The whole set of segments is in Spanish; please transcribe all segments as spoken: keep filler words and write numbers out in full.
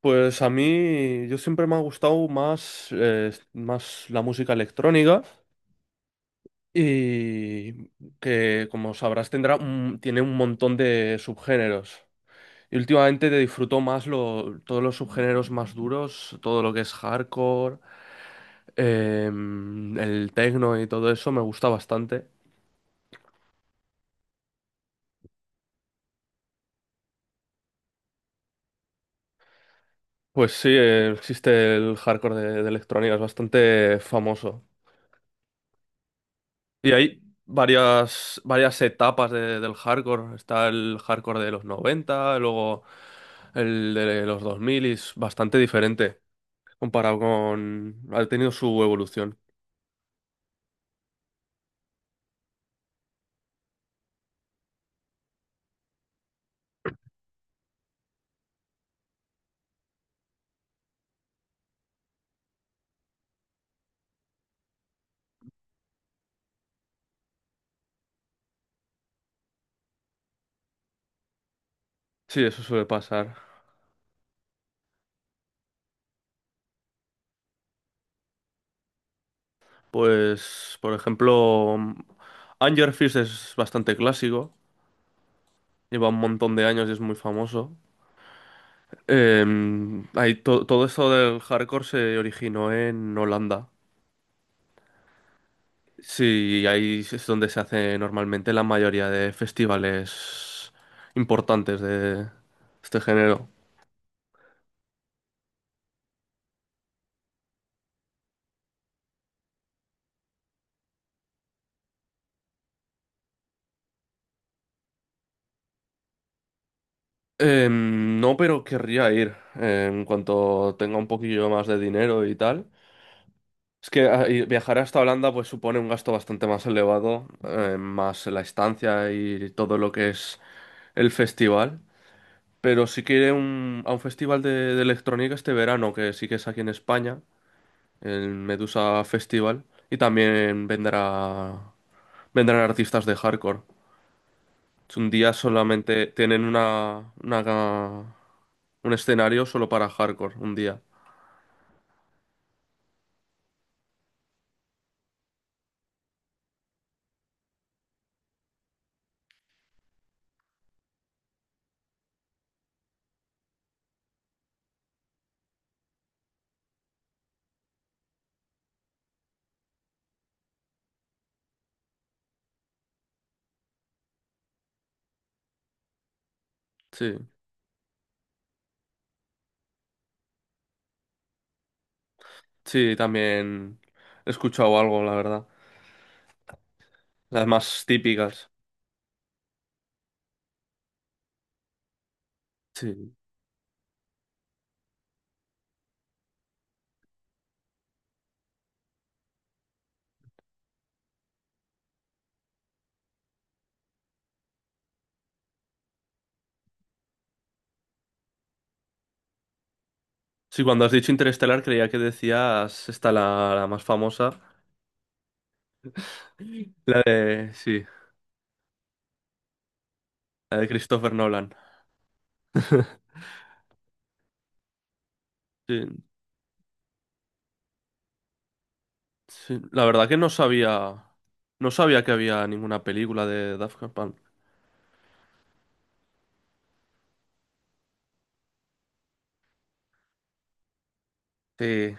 Pues a mí, yo siempre me ha gustado más, eh, más la música electrónica y que, como sabrás, tendrá un- tiene un montón de subgéneros. Y últimamente te disfruto más lo- todos los subgéneros más duros, todo lo que es hardcore, em, el techno y todo eso me gusta bastante. Pues sí, eh, existe el hardcore de, de electrónica, es bastante famoso. Y hay varias, varias etapas de- del hardcore. Está el hardcore de los noventa, luego el de los dos mil y es bastante diferente comparado con... Ha tenido su evolución. Sí, eso suele pasar. Pues, por ejemplo, Anger Fist es bastante clásico. Lleva un montón de años y es muy famoso. Eh, hay to- Todo esto del hardcore se originó en Holanda. Sí, ahí es donde se hace normalmente la mayoría de festivales importantes de este género. Em, no, pero querría ir eh, en cuanto tenga un poquillo más de dinero y tal. Es que ah, y viajar hasta Holanda pues supone un gasto bastante más elevado, eh, más la estancia y todo lo que es el festival. Pero sí que iré un- a un festival de, de electrónica este verano, que sí que es aquí en España. El Medusa Festival y también vendrá, vendrán artistas de hardcore. Es un día solamente, tienen una, una- un escenario solo para hardcore, un día. Sí, sí, también he escuchado algo, la verdad. Las más típicas. Sí. Sí, cuando has dicho Interestelar creía que decías esta la, la más famosa, la de, sí, la de Christopher Nolan. Sí. Sí, la verdad que no sabía, no sabía que había ninguna película de Daft Punk. Sí.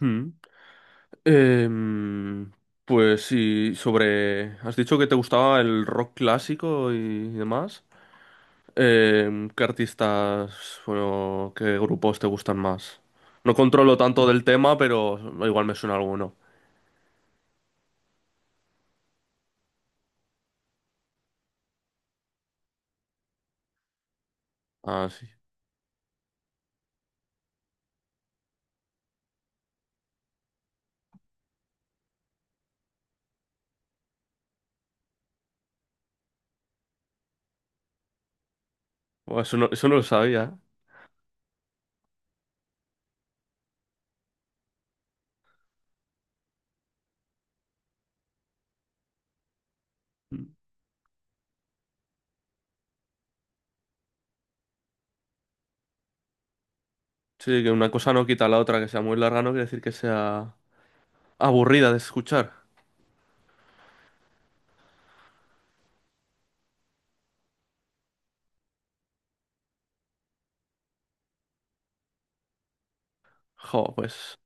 Mm. Em, pues sí, sobre... Has dicho que te gustaba el rock clásico y demás. Em, ¿qué artistas, bueno, qué grupos te gustan más? No controlo tanto del tema, pero igual me suena alguno. Ah, sí. Buah, eso no, eso no lo sabía. ¿Eh? Sí, que una cosa no quita la otra, que sea muy larga no quiere decir que sea aburrida de escuchar. Jo, pues...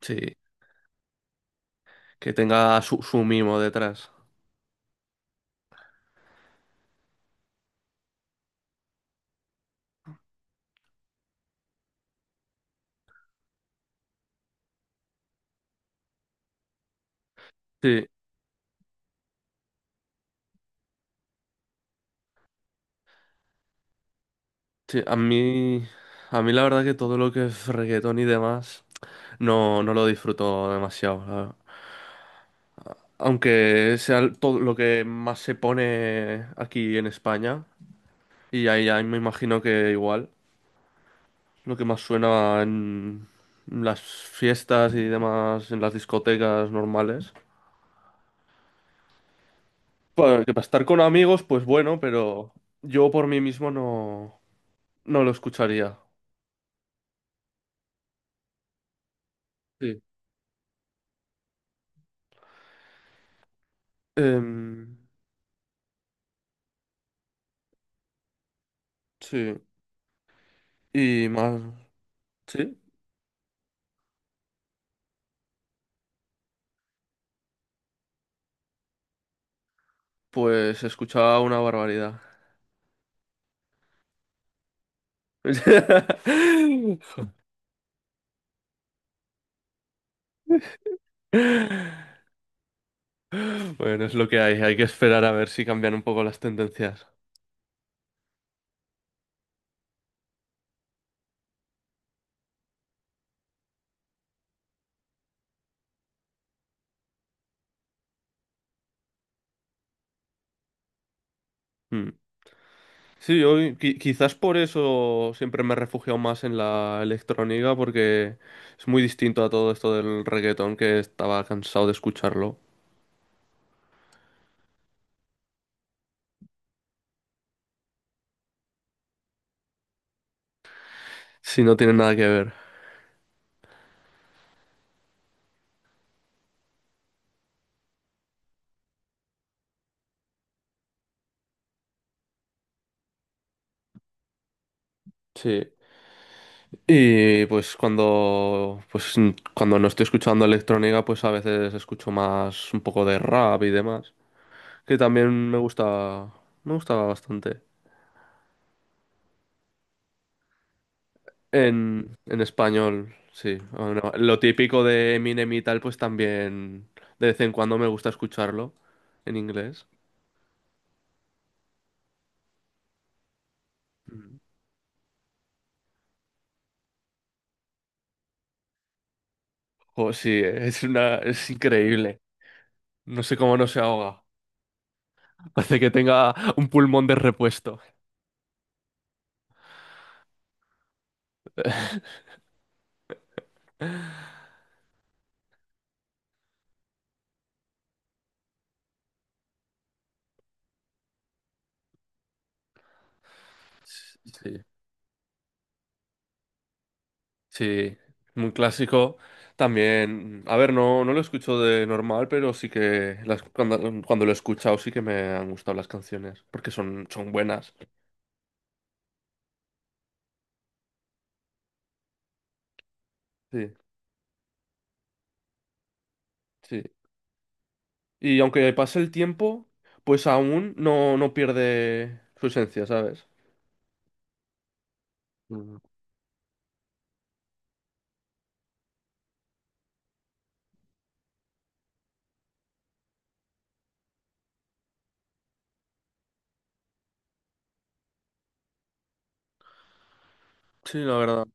Sí, que tenga su, su mimo detrás. Sí, sí, a mí, a mí la verdad que todo lo que es reggaetón y demás no, no lo disfruto demasiado, la verdad. Aunque sea el- todo lo que más se pone aquí en España, y ahí ya me imagino que igual, lo que más suena en las fiestas y demás, en las discotecas normales. Bueno, que para estar con amigos, pues bueno, pero yo por mí mismo no, no lo escucharía. Sí. Em, sí, y más, sí, pues escuchaba una barbaridad. Bueno, es lo que hay, hay que esperar a ver si cambian un poco las tendencias. Mm. Sí, yo qui- quizás por eso siempre me he refugiado más en la electrónica, porque es muy distinto a todo esto del reggaetón que estaba cansado de escucharlo. Si no tiene nada que ver. Sí. Y pues cuando pues mm, cuando no estoy escuchando electrónica, pues a veces escucho más un poco de rap y demás, que también me gusta me gusta bastante. En, en español, sí. Bueno, lo típico de Eminem y tal, pues también de vez en cuando me gusta escucharlo en inglés. Mm. Oh, sí, es una es increíble. No sé cómo no se ahoga. Hace que tenga un pulmón de repuesto. Sí. Sí, muy clásico. También, a ver, no, no lo escucho de normal, pero sí que las- cuando, cuando lo he escuchado sí que me han gustado las canciones, porque son, son buenas. Sí, sí. Y aunque pase el tiempo, pues aún no, no pierde su esencia, ¿sabes? Mm. Sí, la verdad.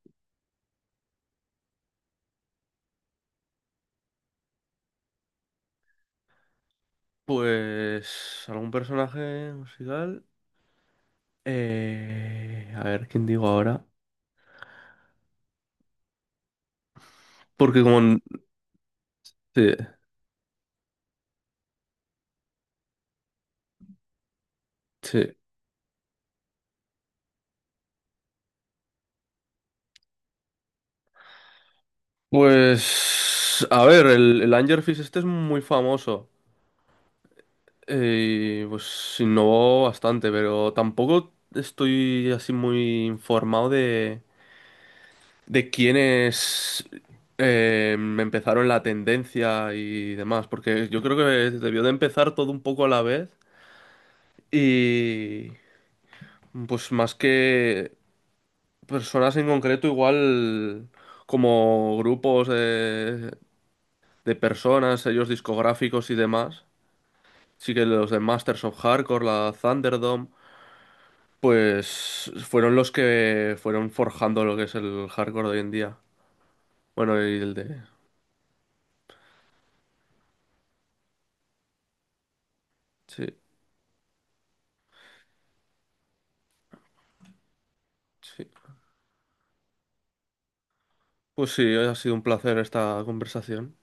Pues algún personaje musical. Eh, a ver, ¿quién digo ahora? Porque como... Sí, sí. Pues, a ver, el, el Angerfish este es muy famoso. Eh, pues innovó bastante, pero tampoco estoy así muy informado de, de quiénes eh, empezaron la tendencia y demás, porque yo creo que debió de empezar todo un poco a la vez y pues más que personas en concreto, igual como grupos de de personas, sellos discográficos y demás. Sí que los de Masters of Hardcore, la Thunderdome, pues fueron los que fueron forjando lo que es el hardcore de hoy en día. Bueno, y el de... Sí, sí. Pues sí, hoy ha sido un placer esta conversación.